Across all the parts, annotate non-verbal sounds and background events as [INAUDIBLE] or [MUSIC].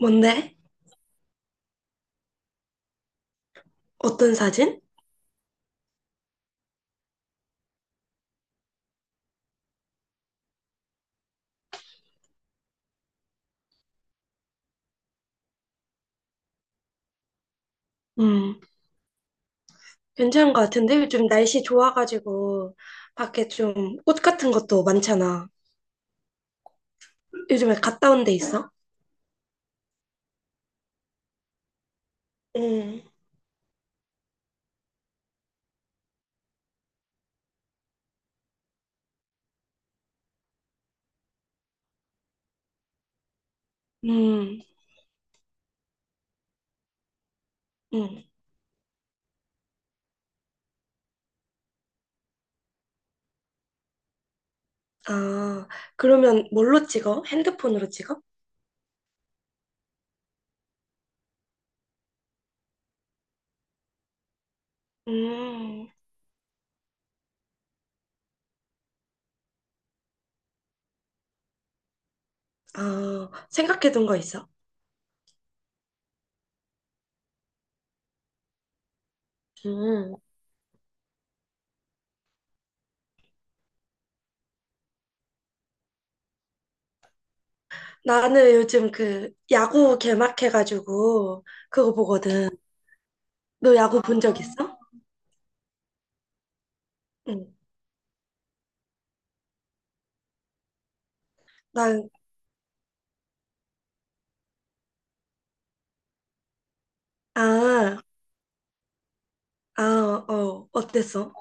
뭔데? 어떤 사진? 음, 괜찮은 것 같은데? 요즘 날씨 좋아가지고, 밖에 좀 꽃 같은 것도 많잖아. 요즘에 갔다 온 데 있어? 응, 음, 음. 아, 그러면 뭘로 찍어? 핸드폰으로 찍어? 음, 아, 생각해둔 거 있어? 음, 나는 요즘 그 야구 개막해가지고, 그거 보거든. 너 야구 본 적 있어? 응. 난, 아, 아, 어, 어땠어?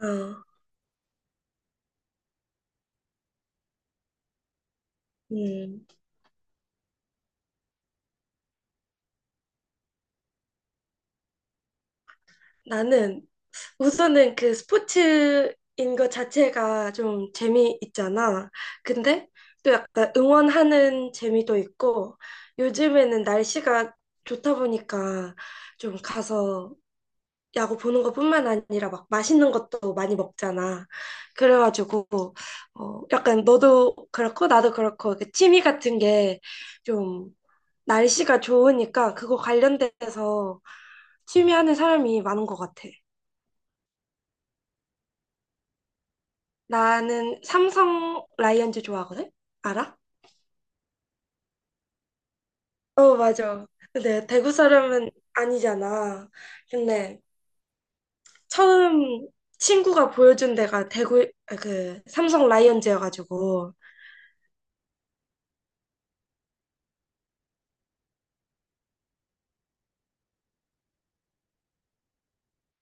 어. 음, 나는 우선은 그 스포츠인 것 자체가 좀 재미있잖아. 근데 또 약간 응원하는 재미도 있고 요즘에는 날씨가 좋다 보니까 좀 가서 야구 보는 것뿐만 아니라 막 맛있는 것도 많이 먹잖아. 그래가지고 어, 약간 너도 그렇고 나도 그렇고 그 취미 같은 게좀 날씨가 좋으니까 그거 관련돼서 취미하는 사람이 많은 것 같아. 나는 삼성 라이언즈 좋아하거든? 알아? 어, 맞아. 근데 대구 사람은 아니잖아. 근데 처음 친구가 보여준 데가 대구, 아, 그, 삼성 라이언즈여가지고.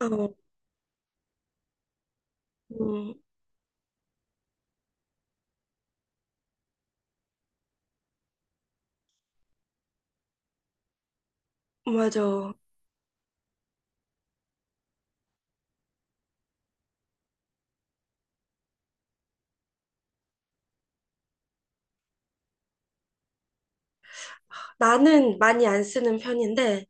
어, 음, 맞아. 나는 많이 안 쓰는 편인데,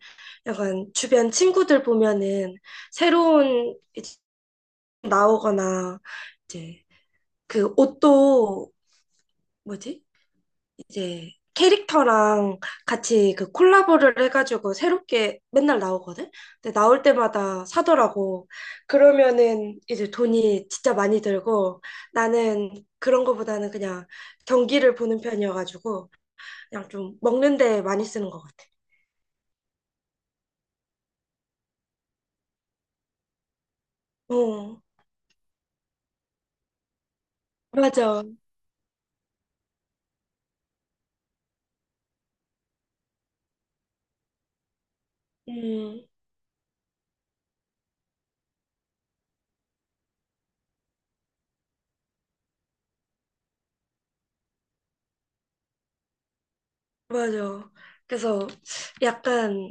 약간 주변 친구들 보면은 새로운 이제 나오거나, 이제 그 옷도 뭐지? 이제 캐릭터랑 같이 그 콜라보를 해가지고 새롭게 맨날 나오거든? 근데 나올 때마다 사더라고. 그러면은 이제 돈이 진짜 많이 들고 나는 그런 거보다는 그냥 경기를 보는 편이어가지고 그냥 좀 먹는 데 많이 쓰는 것 같아. 어, 맞아. 음. 맞아. 그래서 약간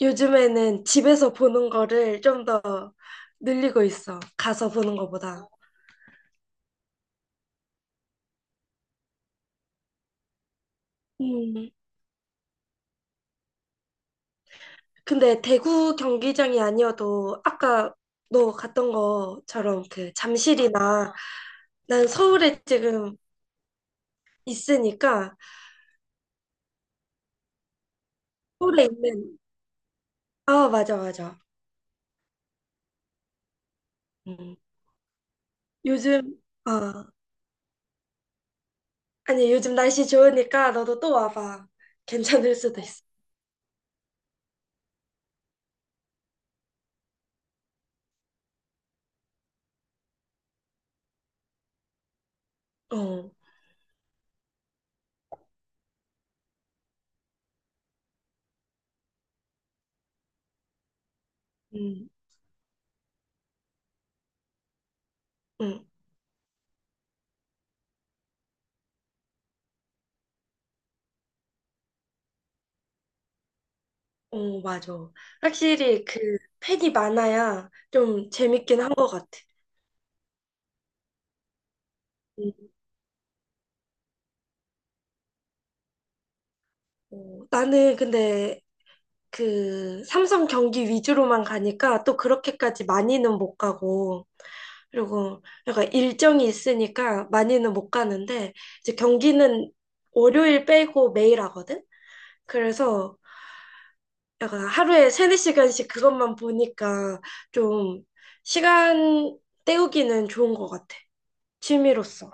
요즘에는 집에서 보는 거를 좀 더 늘리고 있어. 가서 보는 거보다. 음. 근데 대구 경기장이 아니어도 아까 너 갔던 것처럼 그 잠실이나 난 서울에 지금 있으니까 서울에 있는 아 맞아 맞아. 음. 요즘 아니 요즘 날씨 좋으니까 너도 또 와봐. 괜찮을 수도 있어. 어. 음. 음. 어, 맞아. 확실히 그 팬이 많아야 좀 재밌긴 한 것 같아. 음. 어, 나는 근데 그 삼성 경기 위주로만 가니까 또 그렇게까지 많이는 못 가고, 그리고 약간 일정이 있으니까 많이는 못 가는데, 이제 경기는 월요일 빼고 매일 하거든? 그래서 약간 하루에 세네 시간씩 그것만 보니까 좀 시간 때우기는 좋은 것 같아. 취미로서.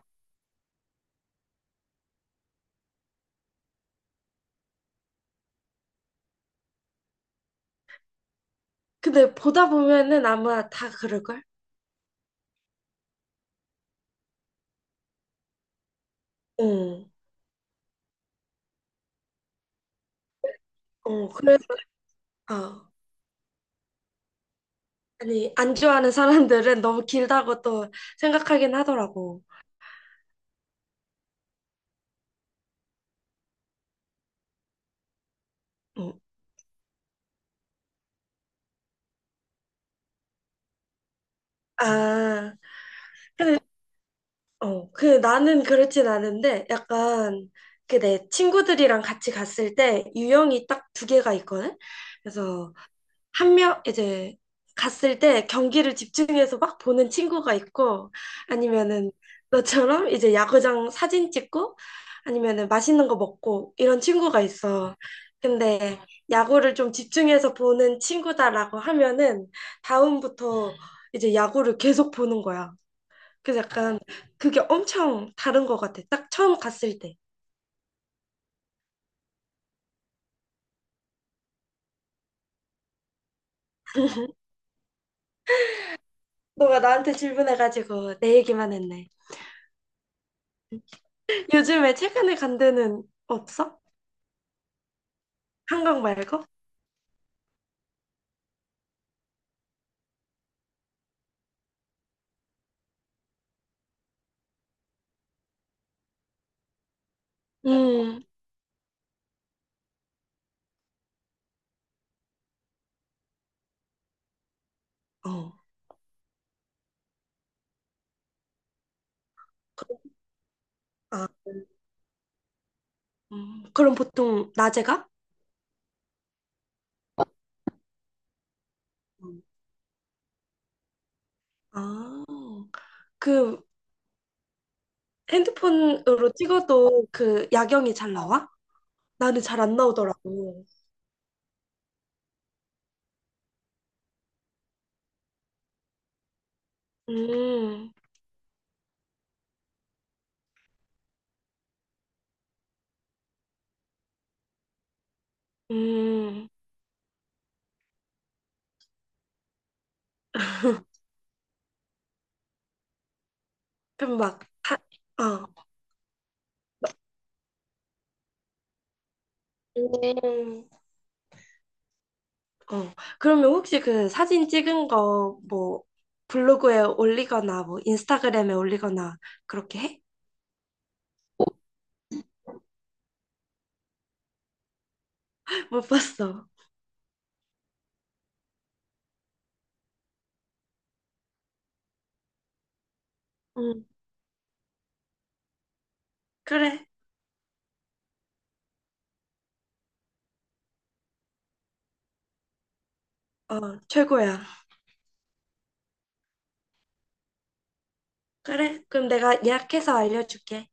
근데 보다 보면은 아마 다 그럴걸? 어, 어, 그래서, 아, 아니, 안 좋아하는 사람들은 너무 길다고 또 생각하긴 하더라고. 어. 아, 근데, 어, 그 나는 그렇진 않은데, 약간, 그 내 친구들이랑 같이 갔을 때 유형이 딱 두 개가 있거든? 그래서, 한 명 이제 갔을 때 경기를 집중해서 막 보는 친구가 있고 아니면은 너처럼 이제 야구장 사진 찍고 아니면은 맛있는 거 먹고 이런 친구가 있어. 근데 야구를 좀 집중해서 보는 친구다라고 하면은 다음부터 이제 야구를 계속 보는 거야. 그래서 약간 그게 엄청 다른 것 같아. 딱 처음 갔을 때. 너가 나한테 질문해가지고 내 얘기만 했네. 요즘에 최근에 간 데는 없어? 한강 말고? 음, 어, 아, 그럼 보통 낮에 가? 음. 아, 그 핸드폰으로 찍어도 그 야경이 잘 나와? 나는 잘 안 나오더라고. 음, 음. [LAUGHS] 그럼 막, 어, 음, 어. 그러면 혹시 그 사진 찍은 거 뭐 블로그에 올리거나 뭐 인스타그램에 올리거나 그렇게 해? [LAUGHS] 못 봤어. 음, 그래. 어, 최고야. 그래, 그럼 내가 예약해서 알려줄게.